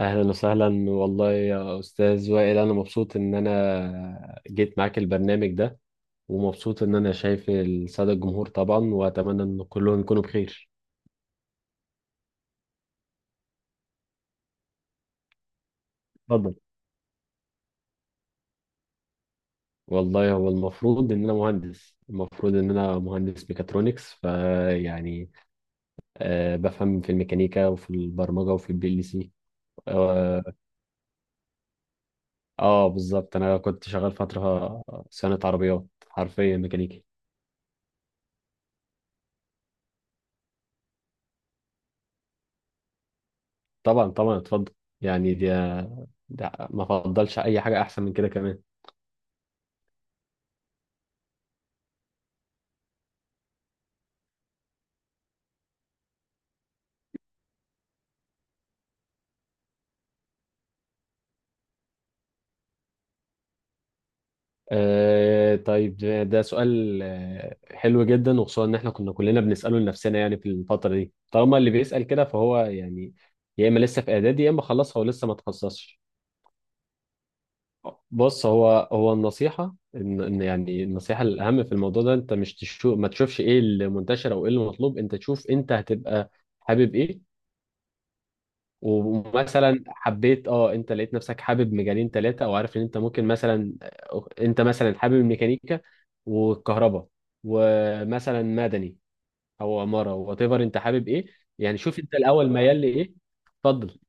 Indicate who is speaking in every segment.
Speaker 1: اهلا وسهلا والله يا استاذ وائل، انا مبسوط ان انا جيت معاك البرنامج ده. ومبسوط ان انا شايف الساده الجمهور طبعا، واتمنى ان كلهم يكونوا بخير. اتفضل. والله هو المفروض ان انا مهندس، المفروض ان انا مهندس ميكاترونكس، فيعني بفهم في الميكانيكا وفي البرمجه وفي البي ال سي. اه, بالظبط، انا كنت شغال فتره صيانه عربيات، حرفيا ميكانيكي. طبعا، طبعا، اتفضل. يعني ده ما فضلش اي حاجه احسن من كده كمان. طيب، ده سؤال حلو جدا، وخصوصا ان احنا كنا كلنا بنساله لنفسنا يعني في الفتره دي. طالما اللي بيسال كده فهو يعني يا اما لسه في اعدادي يا اما خلص هو لسه ما تخصصش. بص، هو النصيحه إن يعني النصيحه الاهم في الموضوع ده، انت مش تشوف ما تشوفش ايه اللي منتشر او ايه اللي مطلوب، انت تشوف انت هتبقى حابب ايه. ومثلا حبيت انت لقيت نفسك حابب مجالين ثلاثه، او عارف ان انت ممكن مثلا انت مثلا حابب الميكانيكا والكهرباء ومثلا مدني او عماره، وات ايفر انت حابب ايه. يعني شوف انت الاول ميال لايه. اتفضل.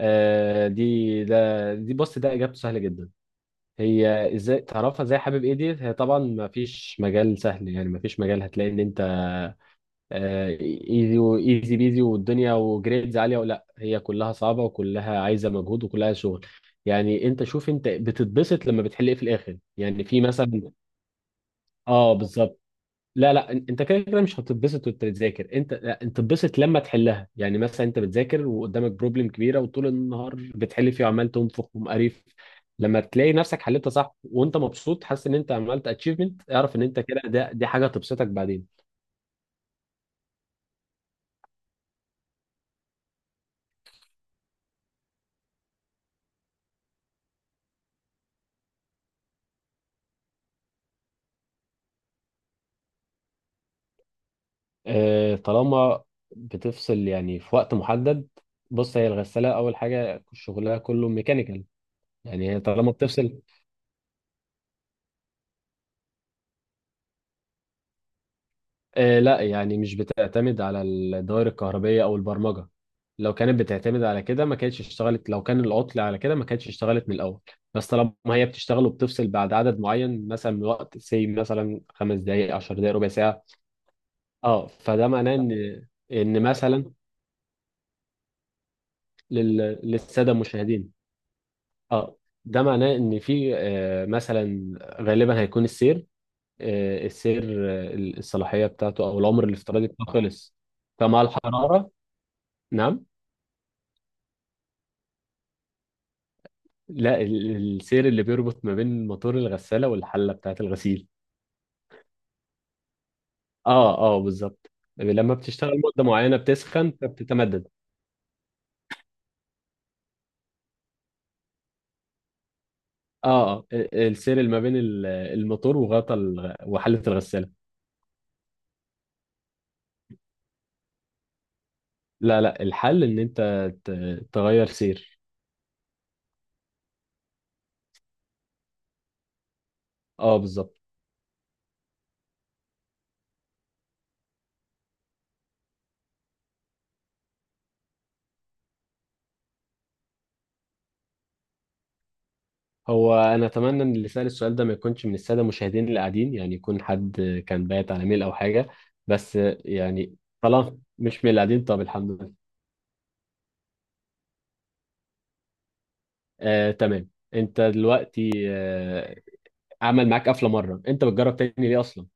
Speaker 1: آه دي ده دي بص ده اجابته سهله جدا. هي ازاي تعرفها، ازاي حابب ايه؟ دي هي طبعا ما فيش مجال سهل، يعني ما فيش مجال هتلاقي ان انت ايزي وايزي بيزي والدنيا وجريدز عاليه، ولا هي كلها صعبه وكلها عايزه مجهود وكلها شغل. يعني انت شوف انت بتتبسط لما بتحل ايه في الاخر، يعني في مثلا. اه بالظبط. لا لا، انت كده كده مش هتتبسط وانت بتذاكر، انت لا، انت بتتبسط لما تحلها. يعني مثلا انت بتذاكر وقدامك بروبلم كبيره وطول النهار بتحل فيه وعمال تنفخ ومقريف، لما تلاقي نفسك حلتها صح وانت مبسوط حاسس ان انت عملت اتشيفمنت، اعرف ان انت كده، دي حاجه تبسطك بعدين. طالما بتفصل يعني في وقت محدد. بص، هي الغسالة أول حاجة شغلها كله ميكانيكال. يعني هي طالما بتفصل، لا يعني مش بتعتمد على الدوائر الكهربية أو البرمجة. لو كانت بتعتمد على كده ما كانتش اشتغلت، لو كان العطل على كده ما كانتش اشتغلت من الأول. بس طالما هي بتشتغل وبتفصل بعد عدد معين مثلا من وقت سي، مثلا 5 دقايق، 10 دقايق، ربع ساعة، اه فده معناه إن، إن مثلا، لل... للسادة المشاهدين، اه ده معناه ان في مثلا غالبا هيكون السير، آه، السير الصلاحيه بتاعته او العمر الافتراضي بتاعه خلص، فمع الحراره. نعم. لا، السير اللي بيربط ما بين موتور الغساله والحله بتاعه الغسيل. اه اه، بالظبط. لما بتشتغل مده معينه بتسخن فبتتمدد. اه اه، السير اللي ما بين الموتور وحله الغساله. لا لا، الحل ان انت تغير سير. اه بالظبط. هو انا اتمنى ان اللي سأل السؤال ده ما يكونش من الساده المشاهدين اللي قاعدين، يعني يكون حد كان بايت على ميل او حاجه بس. يعني طالما مش من اللي قاعدين، طب الحمد لله. تمام. انت دلوقتي عمل معاك قفله مره، انت بتجرب تاني ليه اصلا؟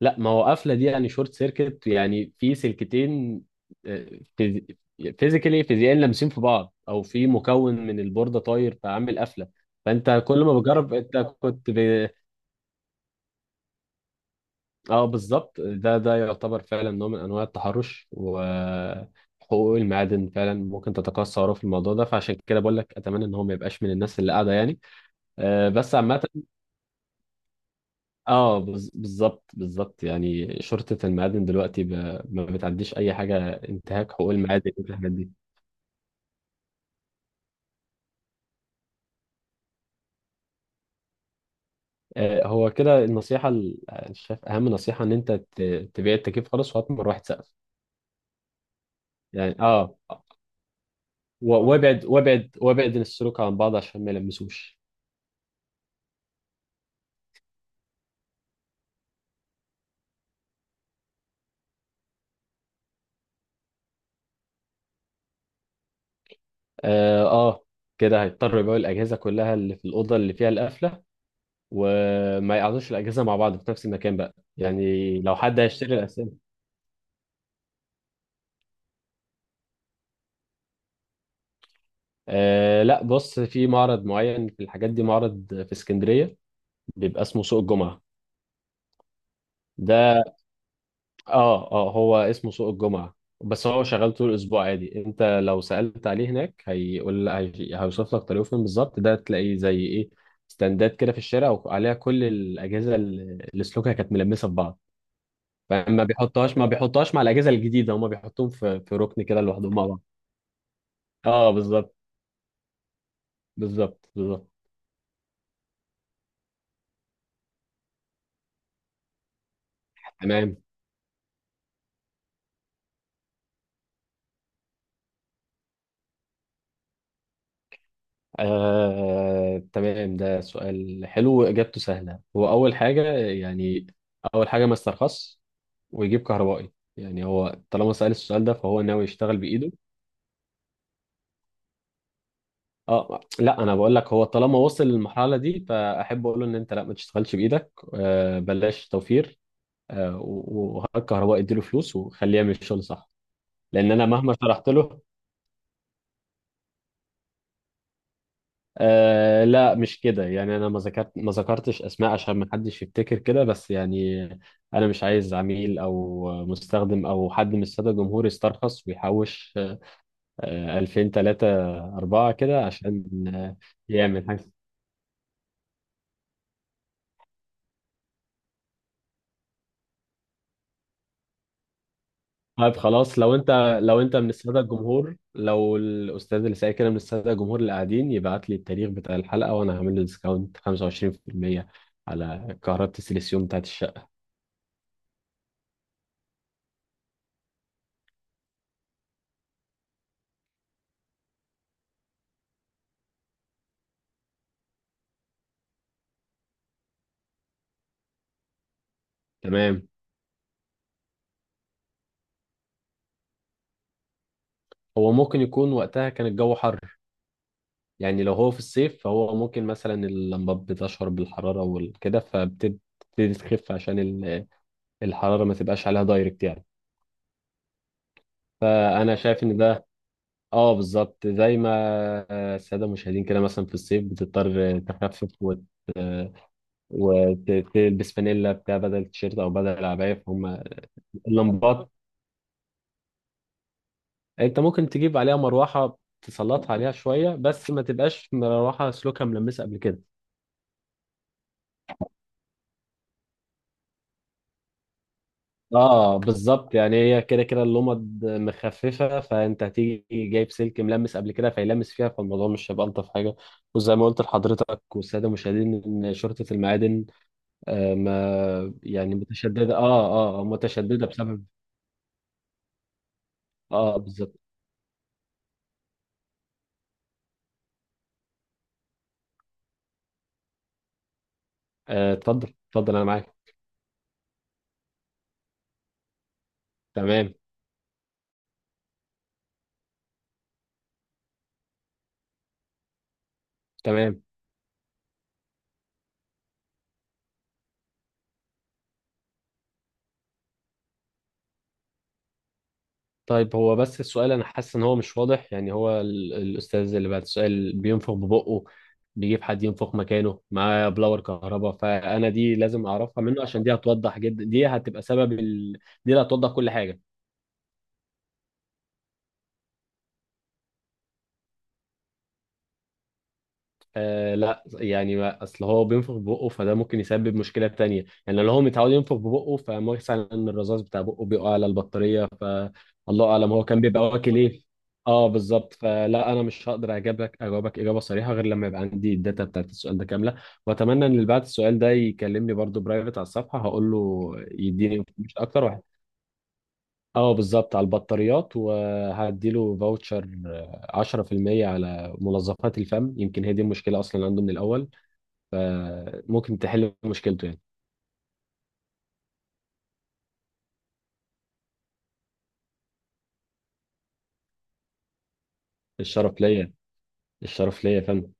Speaker 1: لا، ما هو قفله دي يعني شورت سيركت، يعني في سلكتين فيزيائيا لامسين في بعض، او في مكون من البورده طاير فعامل قفله. فانت كل ما بتجرب انت كنت اه بالظبط. ده يعتبر فعلا نوع من انواع التحرش، وحقوق المعادن فعلا ممكن تتقاصى وراه في الموضوع ده، فعشان كده بقول لك اتمنى ان هو ما يبقاش من الناس اللي قاعده يعني. بس عامه، بالظبط، بالظبط. يعني شرطه المعادن دلوقتي ما بتعديش اي حاجه، انتهاك حقوق المعادن والحاجات دي. هو كده النصيحه، أنا شايف اهم نصيحه ان انت تبيع التكييف خالص وهات مروحه سقف. يعني اه، وابعد وابعد وابعد السلوك عن بعض عشان ما يلمسوش. اه كده هيضطر يبيعوا الاجهزه كلها اللي في الاوضه اللي فيها القفله، وما يقعدوش الاجهزه مع بعض في نفس المكان بقى، يعني لو حد هيشتري الاسامي. لا، بص في معرض معين في الحاجات دي، معرض في اسكندريه بيبقى اسمه سوق الجمعه. ده، اه اه هو اسمه سوق الجمعه بس هو شغال طول الاسبوع عادي. انت لو سالت عليه هناك هيقول، هيوصف لك طريقه فين بالظبط. ده تلاقيه زي ايه؟ ستاندات كده في الشارع، وعليها كل الاجهزه اللي سلوكها كانت ملمسه في بعض. فما بيحطهاش ما بيحطهاش مع الاجهزه الجديده، هما بيحطوهم في ركن كده لوحدهم مع بعض. اه بالظبط، بالظبط. بالظبط. تمام. تمام، ده سؤال حلو واجابته سهله. هو اول حاجه يعني، اول حاجه ما استرخصش ويجيب كهربائي. يعني هو طالما سأل السؤال ده فهو ناوي يشتغل بايده. اه لا، انا بقول لك هو طالما وصل للمرحله دي فاحب اقول له ان انت لا، ما تشتغلش بايدك، بلاش توفير، وهات كهربائي، اديله فلوس، وخليه يعمل الشغل صح. لان انا مهما شرحت له، لا مش كده، يعني انا ما ذكرتش اسماء عشان ما حدش يفتكر كده، بس يعني انا مش عايز عميل او مستخدم او حد من الساده الجمهور يسترخص ويحوش 2000 3 4 كده عشان يعمل حاجه. طيب خلاص، لو انت من الساده الجمهور، لو الاستاذ اللي سايق كده من الساده الجمهور اللي قاعدين، يبعت لي التاريخ بتاع الحلقه وانا هعمل له ديسكاونت 25% على كهرباء السيليسيوم بتاعت الشقه. تمام. هو ممكن يكون وقتها كان الجو حر، يعني لو هو في الصيف فهو ممكن مثلا اللمبات بتشعر بالحرارة وكده فبتبتدي تخف عشان الحرارة ما تبقاش عليها دايركت يعني. فأنا شايف إن ده، اه بالظبط زي ما السادة المشاهدين كده مثلا في الصيف بتضطر تخفف وتلبس فانيلا بتاع بدل التيشيرت أو بدل العباية. فهم اللمبات أنت ممكن تجيب عليها مروحة تسلطها عليها شوية، بس ما تبقاش مروحة سلوكها ملمسة قبل كده. اه بالظبط، يعني هي كده كده اللمض مخففه، فانت هتيجي جايب سلك ملمس قبل كده فيلمس فيها، فالموضوع مش هيبقى الطف حاجه. وزي ما قلت لحضرتك والساده المشاهدين ان شرطه المعادن ما يعني متشدده، اه اه، متشدده بسبب، اه بالظبط. اتفضل، اتفضل، انا معاك. تمام، تمام. طيب هو بس السؤال انا حاسس ان هو مش واضح، يعني هو الاستاذ اللي بعد السؤال بينفخ ببقه، بيجيب حد ينفخ مكانه معاه بلاور كهرباء؟ فانا دي لازم اعرفها منه عشان دي هتوضح جدا، دي هتبقى سبب دي اللي هتوضح كل حاجة. لا يعني اصل هو بينفخ ببقه فده ممكن يسبب مشكله تانية، يعني لو هو متعود ينفخ ببقه فمثلا الرذاذ بتاع بقه بيقع على البطاريه، فالله اعلم هو كان بيبقى واكل ايه. اه بالظبط، فلا انا مش هقدر اجاوبك اجابه صريحه غير لما يبقى عندي الداتا بتاعت السؤال ده كامله، واتمنى ان اللي بعت السؤال ده يكلمني برضو برايفت على الصفحه، هقول له يديني مش اكتر واحد. اه بالظبط، على البطاريات، وهديله فاوتشر 10% على منظفات الفم، يمكن هي دي المشكله اصلا عنده من الاول، فممكن تحل مشكلته يعني. الشرف ليا. الشرف ليا، فاهم.